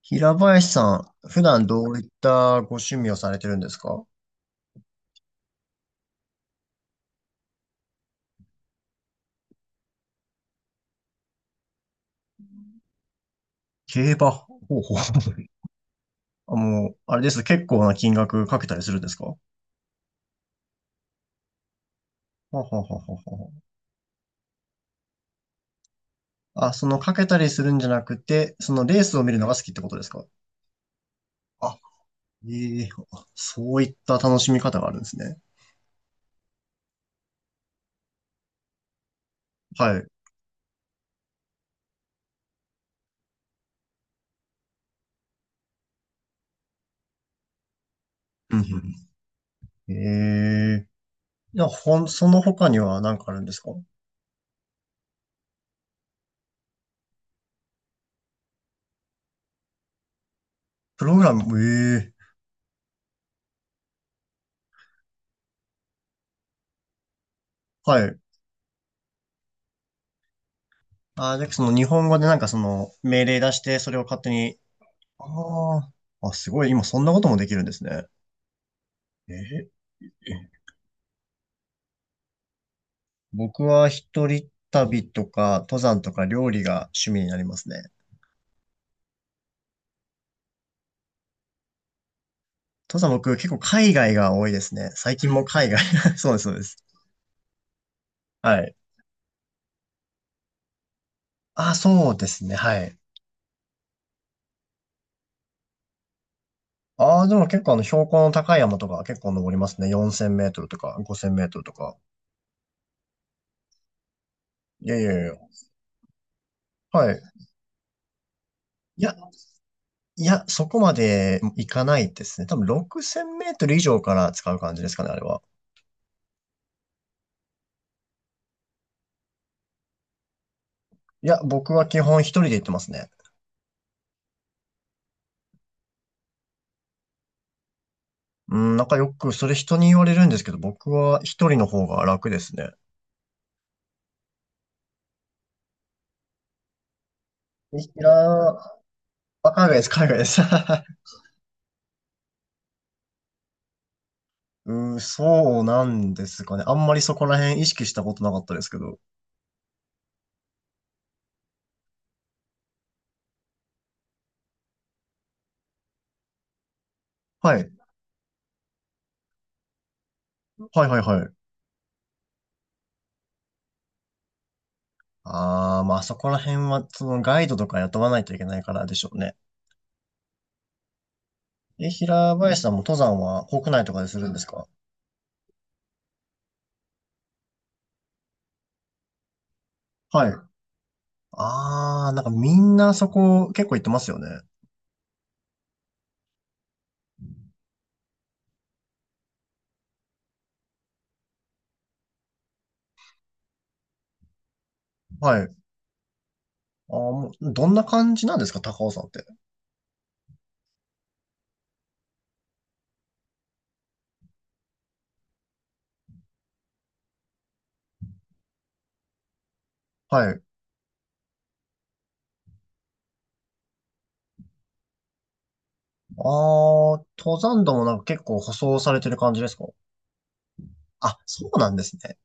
平林さん、普段どういったご趣味をされてるんですか？競馬。ほうほう。あ、もう、あれですね。結構な金額かけたりするんですか？ほうほうほうほうほう。あ、そのかけたりするんじゃなくて、そのレースを見るのが好きってことですか？あ、ええあ、そういった楽しみ方があるんですね。はい。うんうん。ええ。いや、その他には何かあるんですか？プログラム。ええ。はい。あ、で、その日本語でなんかその命令出して、それを勝手に。ああ、あ、すごい、今そんなこともできるんですね。えーえ。僕は一人旅とか、登山とか料理が趣味になりますね。登山、僕結構海外が多いですね。最近も海外。そうです、そうです。はい。あ、そうですね、はい。ああ、でも結構あの標高の高い山とか結構登りますね。4000メートルとか5000メートルとか。いやいやいや。はい。いや、いや、そこまでいかないですね。多分6000メートル以上から使う感じですかね、あれは。いや、僕は基本一人で行ってますね。うん、なんかよくそれ人に言われるんですけど、僕は一人の方が楽ですね。いやー、あ、海外です、海外です。うん、そうなんですかね。あんまりそこら辺意識したことなかったですけど。はい。はいはいはい。あー、まあそこら辺は、そのガイドとか雇わないといけないからでしょうね。え、平林さんも登山は国内とかでするんですか？はい。あー、なんかみんなそこ結構行ってますよね。はい。あー、もうどんな感じなんですか、高尾山って。はい。ああ、登山道もなんか結構舗装されてる感じですか？あ、そうなんですね。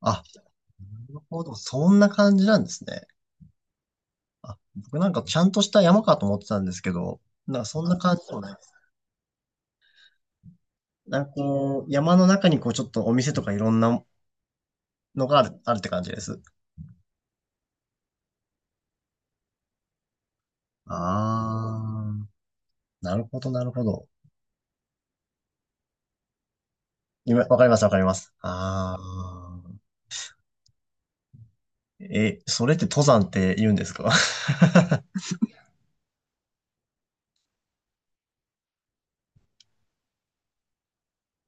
あ、なるほど。そんな感じなんですね。あ、僕なんかちゃんとした山かと思ってたんですけど、なんかそんな感じでもないです。なんかこう、山の中にこうちょっとお店とかいろんなのがある、って感じです。ああ、なるほど、なるほど。今、わかります、わかります。ああ。え、それって登山って言うんですか？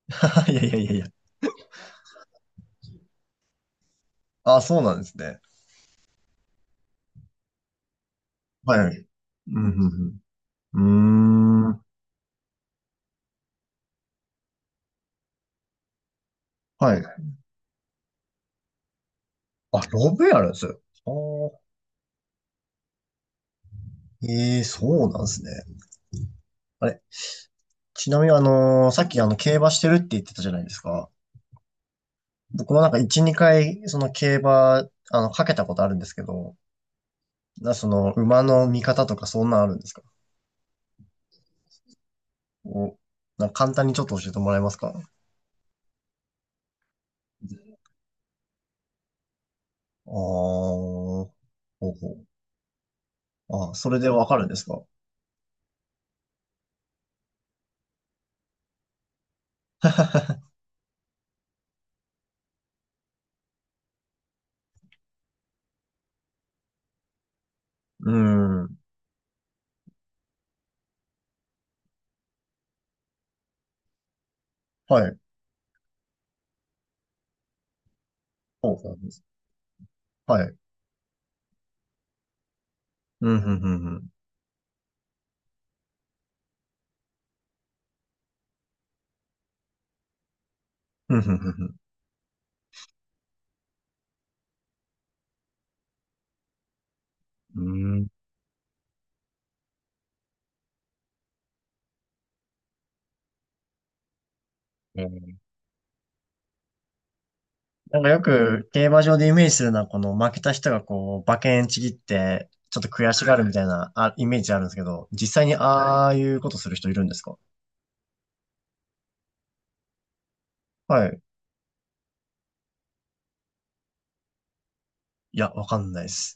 いやいやいやいや。あ、そうなんですね。はい。うん、うん、うん。うーん。はい。あ、ロブやるんですよ。あー、ええ、そうなんですね。あれ、ちなみにさっきあの、競馬してるって言ってたじゃないですか。僕もなんか1、2回、その競馬、かけたことあるんですけど、その、馬の見方とかそんなんあるんですか？お、なんか簡単にちょっと教えてもらえますか？ああ、ほうほう。あ、それでわかるんですか？ うーん。はい。ほうほう。はい。うん、ふんふんふん。うん、ふんふんふん。うーん。なんかよく競馬場でイメージするのは、この負けた人がこう、馬券ちぎって、ちょっと悔しがるみたいな、あ、イメージあるんですけど、実際にああいうことする人いるんですか？はい。いや、わかんないです。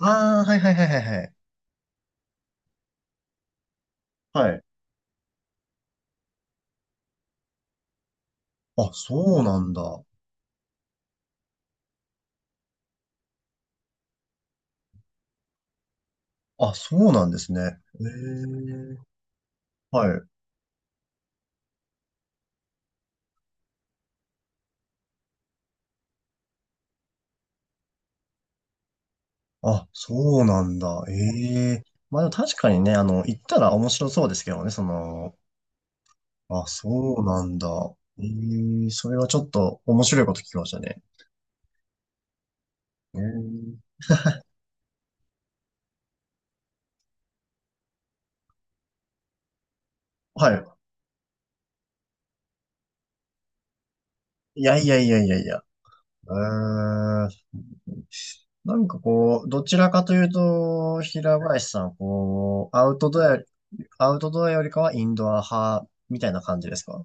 ああ、はいはいはいはいはい。はい。あ、そうなんだ。あ、そうなんですね。ええ。はい。あ、そうなんだ。ええ。まあでも確かにね、行ったら面白そうですけどね、あ、そうなんだ。ええ、それはちょっと面白いこと聞きましたね。ええ。はい。いやいやいやいやいや。うーん、なんかこう、どちらかというと、平林さんは、こう、アウトドアよりかはインドア派みたいな感じですか？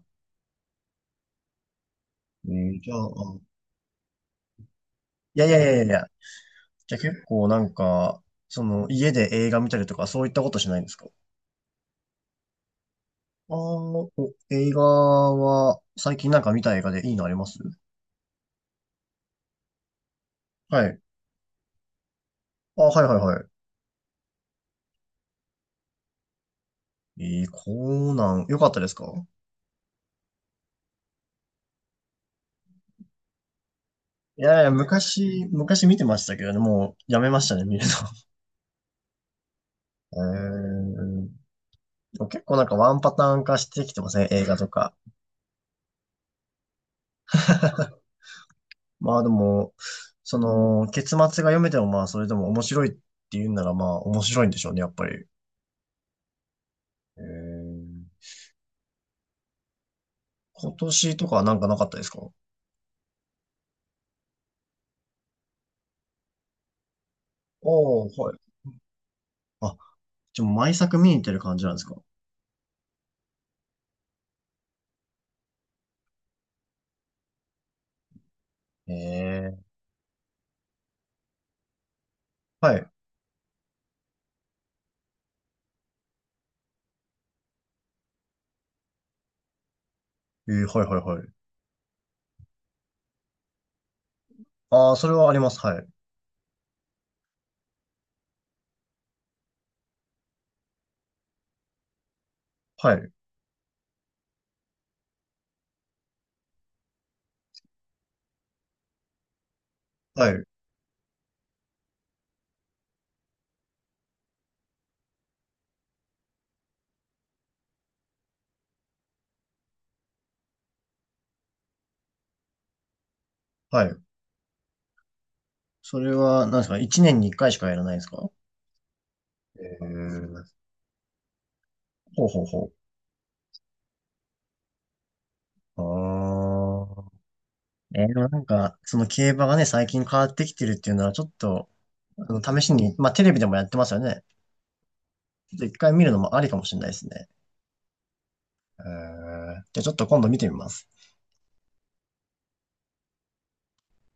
じゃあ、いやいやいやいやいや。じゃあ結構なんか、その、家で映画見たりとか、そういったことしないんですか？ああー、お、映画は、最近なんか見た映画でいいのあります？はい。あ、はいはいはい。コナン、よかったですか？いやいや、昔見てましたけどね、もうやめましたね、見るの。うーん。でも結構なんかワンパターン化してきてません？映画とか。まあでも、その、結末が読めてもまあそれでも面白いっていうんならまあ面白いんでしょうね、やっぱり。えー今年とかはなんかなかったですか？おおー、はい。あ、じゃあ毎作見に行ってる感じなんですか？えーはい。はいはいはい。ああ、それはあります。はい。はい。はい。はい。それは、なんですか、一年に一回しかやらないんですか？えー、ほうほうほう。あーえーでもなんか、その競馬がね、最近変わってきてるっていうのは、ちょっと、試しに、まあ、テレビでもやってますよね。ちょっと一回見るのもありかもしれないですね。じゃあ、ちょっと今度見てみます。